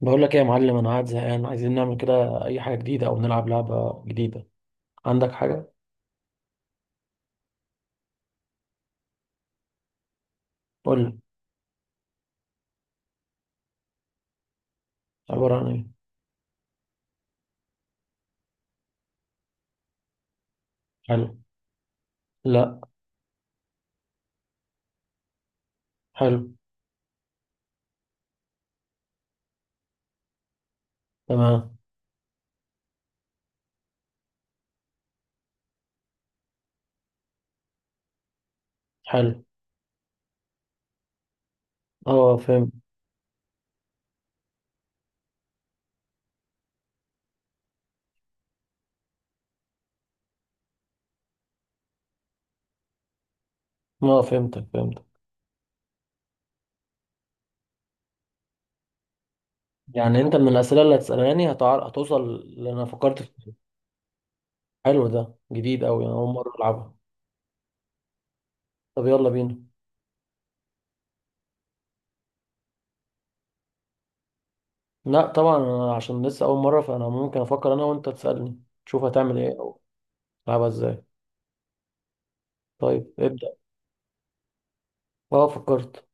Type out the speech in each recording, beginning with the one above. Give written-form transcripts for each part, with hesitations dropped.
بقول لك ايه يا معلم، انا قاعد زهقان، عايزين نعمل كده اي حاجه جديده او نلعب لعبه جديده. عندك حاجه؟ قول لي. عباره عن ايه؟ حلو. لا. حلو. تمام. حلو. اه فهمت. اه فهمتك. يعني انت من الاسئله اللي هتسالاني هتوصل اللي انا فكرت فيه؟ حلو، ده جديد قوي، انا اول مره العبها. طب يلا بينا. لا طبعا، انا عشان لسه اول مره فانا ممكن افكر انا وانت تسالني، تشوف هتعمل ايه او تلعبها ازاي. طيب ابدا. اه فكرت.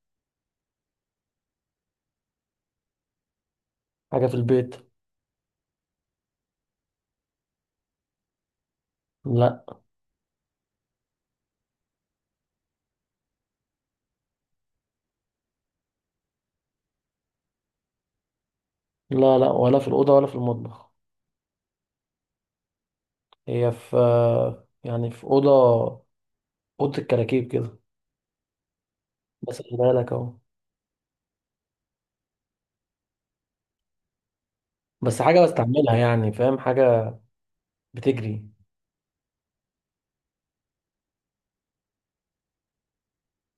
حاجه في البيت. لا، لا، لا ولا في الأوضة ولا في المطبخ. هي في، يعني في أوضة، أوضة الكراكيب كده. بس خلي بالك أهو. بس حاجة بستعملها، يعني فاهم، حاجة بتجري.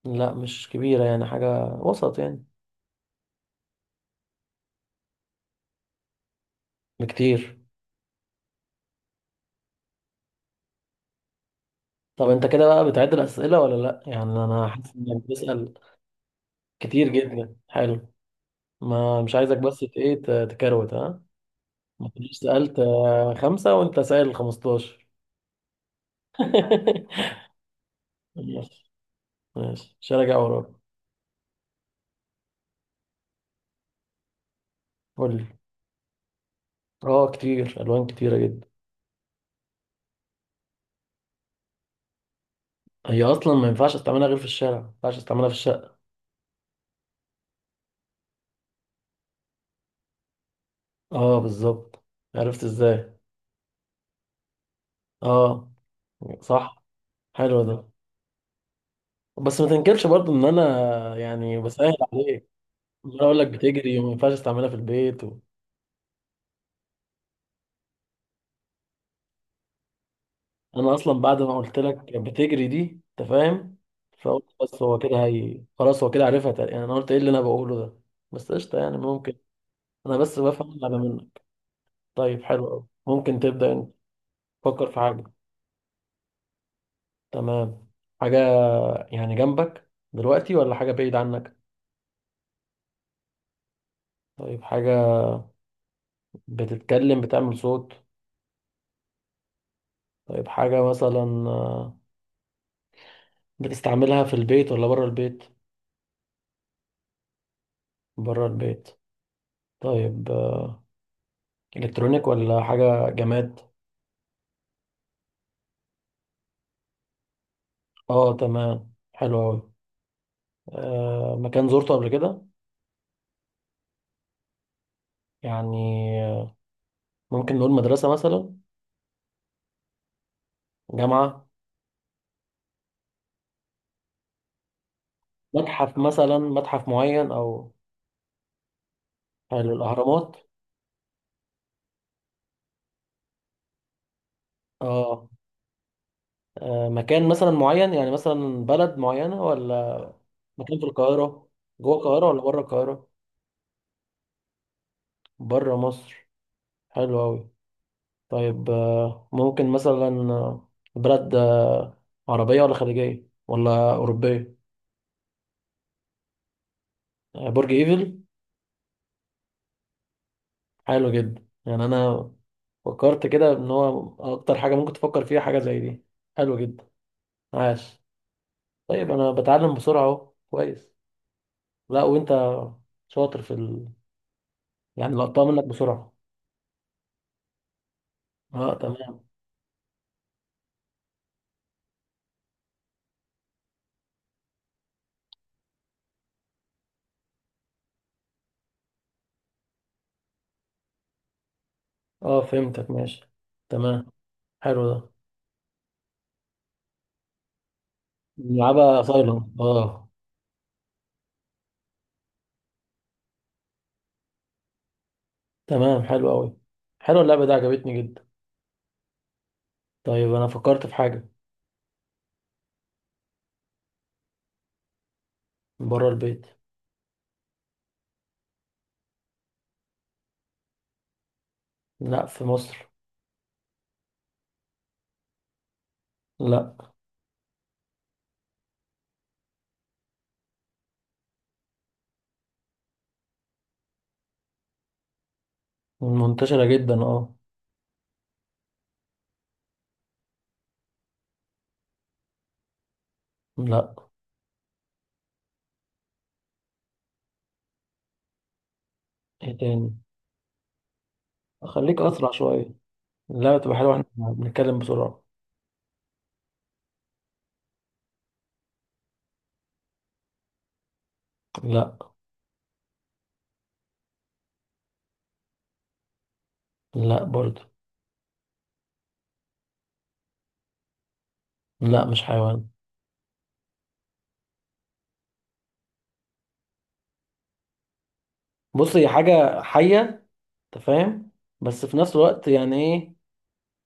لا مش كبيرة، يعني حاجة وسط يعني. بكتير. طب أنت كده بقى بتعد الأسئلة ولا لأ؟ يعني أنا حاسس إنك بتسأل كتير جدا، حلو. ما مش عايزك بس تكروت ها. ما تكونش سألت خمسة وأنت سائل 15. ماشي، ماشي مش هراجع وراك. قول لي. اه كتير، الوان كتيره جدا. هي اصلا ما ينفعش استعملها غير في الشارع، ما ينفعش استعملها في الشقه. اه بالظبط. عرفت ازاي؟ اه. صح. حلو ده. بس ما تنكرش برضو ان انا يعني بسهل عليك. انا اقول لك بتجري وما ينفعش استعملها في البيت انا اصلا بعد ما قلت لك بتجري دي انت فاهم، فقلت بس هو كده، هي خلاص هو كده عارفها يعني انا قلت ايه اللي انا بقوله ده. بس قشطه يعني، ممكن. انا بس بفهم على منك. طيب حلو قوي، ممكن تبدا انت. فكر في حاجه. تمام. حاجة يعني جنبك دلوقتي ولا حاجة بعيد عنك؟ طيب حاجة بتتكلم، بتعمل صوت؟ طيب حاجة مثلا بتستعملها في البيت ولا بره البيت؟ بره البيت. طيب إلكترونيك ولا حاجة جماد؟ اه تمام، حلو أوي. مكان زرته قبل كده؟ يعني آه، ممكن نقول مدرسة مثلا؟ جامعة؟ متحف مثلا، متحف معين أو. حلو، الأهرامات. اه. مكان مثلا معين، يعني مثلا بلد معينة ولا؟ مكان في القاهرة. جوه القاهرة ولا بره القاهرة؟ بره مصر. حلو أوي. طيب ممكن مثلا آه، بلد عربية ولا خليجية ولا أوروبية؟ برج إيفل. حلو جدا، يعني أنا فكرت كده إن هو أكتر حاجة ممكن تفكر فيها حاجة زي دي. حلو جدا. عاش. طيب أنا بتعلم بسرعة أهو، كويس. لا وأنت شاطر في يعني لقطتها منك بسرعة. اه تمام. اه فهمتك ماشي، تمام. حلو ده. نلعبها سايلنت اه. تمام، حلو قوي. حلو، اللعبة دي عجبتني جدا. طيب انا فكرت في حاجة. بره البيت. لا في مصر. لا. منتشرة جدا اه. لا. ايه تاني؟ خليك اسرع شوية، اللعبة تبقى حلوة، احنا بنتكلم بسرعة. لا. لا برضو. لا مش حيوان. بص هي حاجة حية، انت فاهم، بس في نفس الوقت يعني ايه،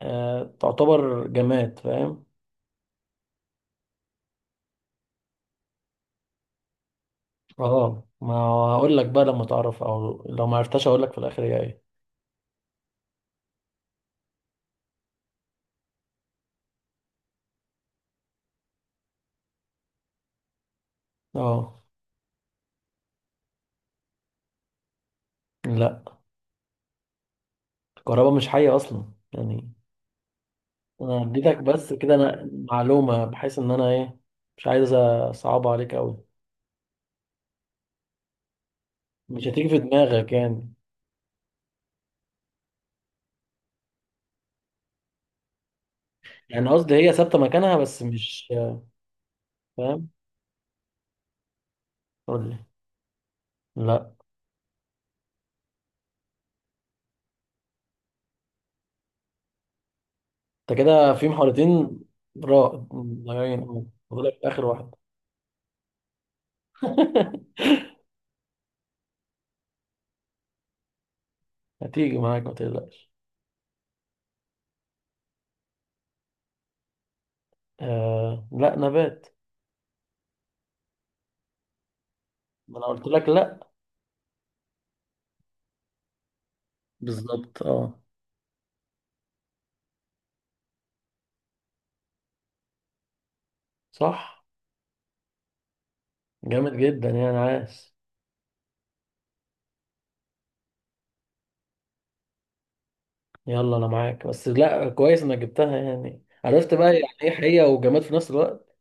آه تعتبر جماد فاهم. اه، ما اقول لك بقى لما تعرف، او لو ما عرفتش اقول لك في الاخر هي ايه. اه. لا. الكهرباء مش حية اصلا يعني. انا اديتك بس كده انا معلومة بحيث ان انا ايه، مش عايز اصعب عليك قوي. مش هتيجي في دماغك يعني. يعني قصدي هي ثابتة مكانها بس مش فاهم. قول لي. لا. انت كده في محاولتين. را ضايعين أوي. فاضلك اخر واحد. هتيجي معاك ما تقلقش. آه لا، نبات. ما انا قلت لك لا. بالظبط اه. صح. جامد جدا يعني عاس. يلا انا معاك، بس لا كويس انك جبتها، يعني عرفت بقى يعني ايه حقيقة وجماد في نفس الوقت.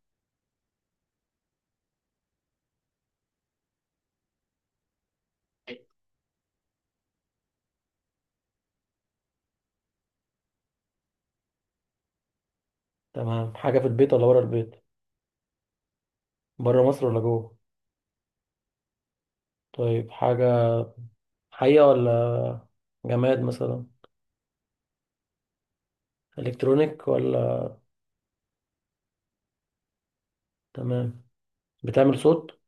تمام. حاجة في البيت ولا بره البيت؟ بره مصر ولا جوه؟ طيب حاجة، حقيقة ولا جماد مثلا؟ الكترونيك ولا؟ تمام. بتعمل صوت؟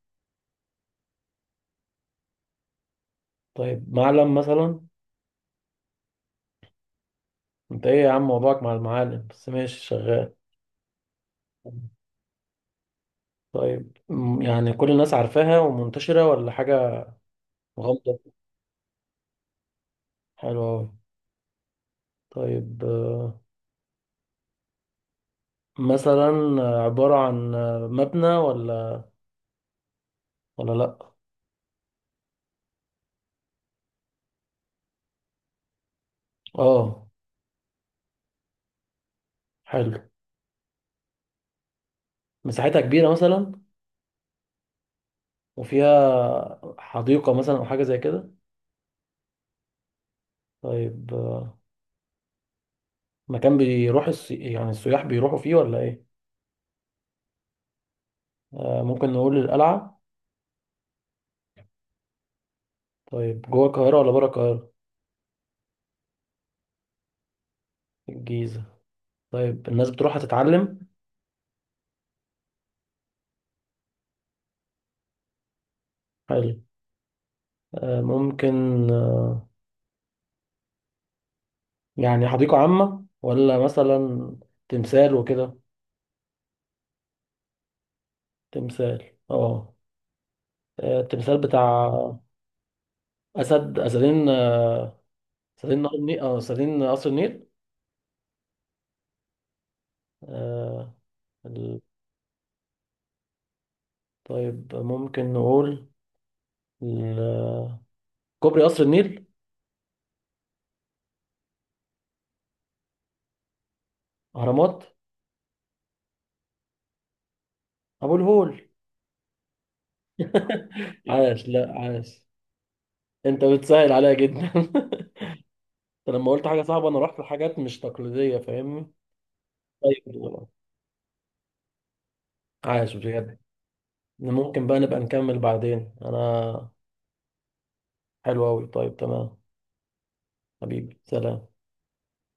طيب معلم مثلا؟ انت ايه يا عم موضوعك مع المعالم، بس ماشي شغال. طيب يعني كل الناس عارفاها ومنتشرة ولا حاجة؟ غامضة. حلوة أوي. طيب، مثلا عبارة عن مبنى ولا، ولا لأ؟ اه. حلو. مساحتها كبيرة مثلا؟ وفيها حديقة مثلا أو حاجة زي كده؟ طيب مكان بيروح يعني السياح بيروحوا فيه ولا إيه؟ ممكن نقول القلعة. طيب جوه القاهرة ولا بره القاهرة؟ الجيزة. طيب الناس بتروح تتعلم. حلو. ممكن آه، يعني حديقة عامة ولا مثلا تمثال وكده؟ تمثال اه. التمثال بتاع اسدين، اسدين نهر النيل اه اسدين قصر النيل. آه. ال- طيب ممكن نقول ال- كوبري قصر النيل. اهرامات. ابو الهول. عاش، لا عاش. انت بتسهل عليا جدا. انت لما قلت حاجه صعبه انا رحت لحاجات مش تقليديه، فاهمني. طيب عاش بجد. ممكن بقى نبقى نكمل بعدين، انا. حلو قوي، طيب تمام. حبيبي سلام.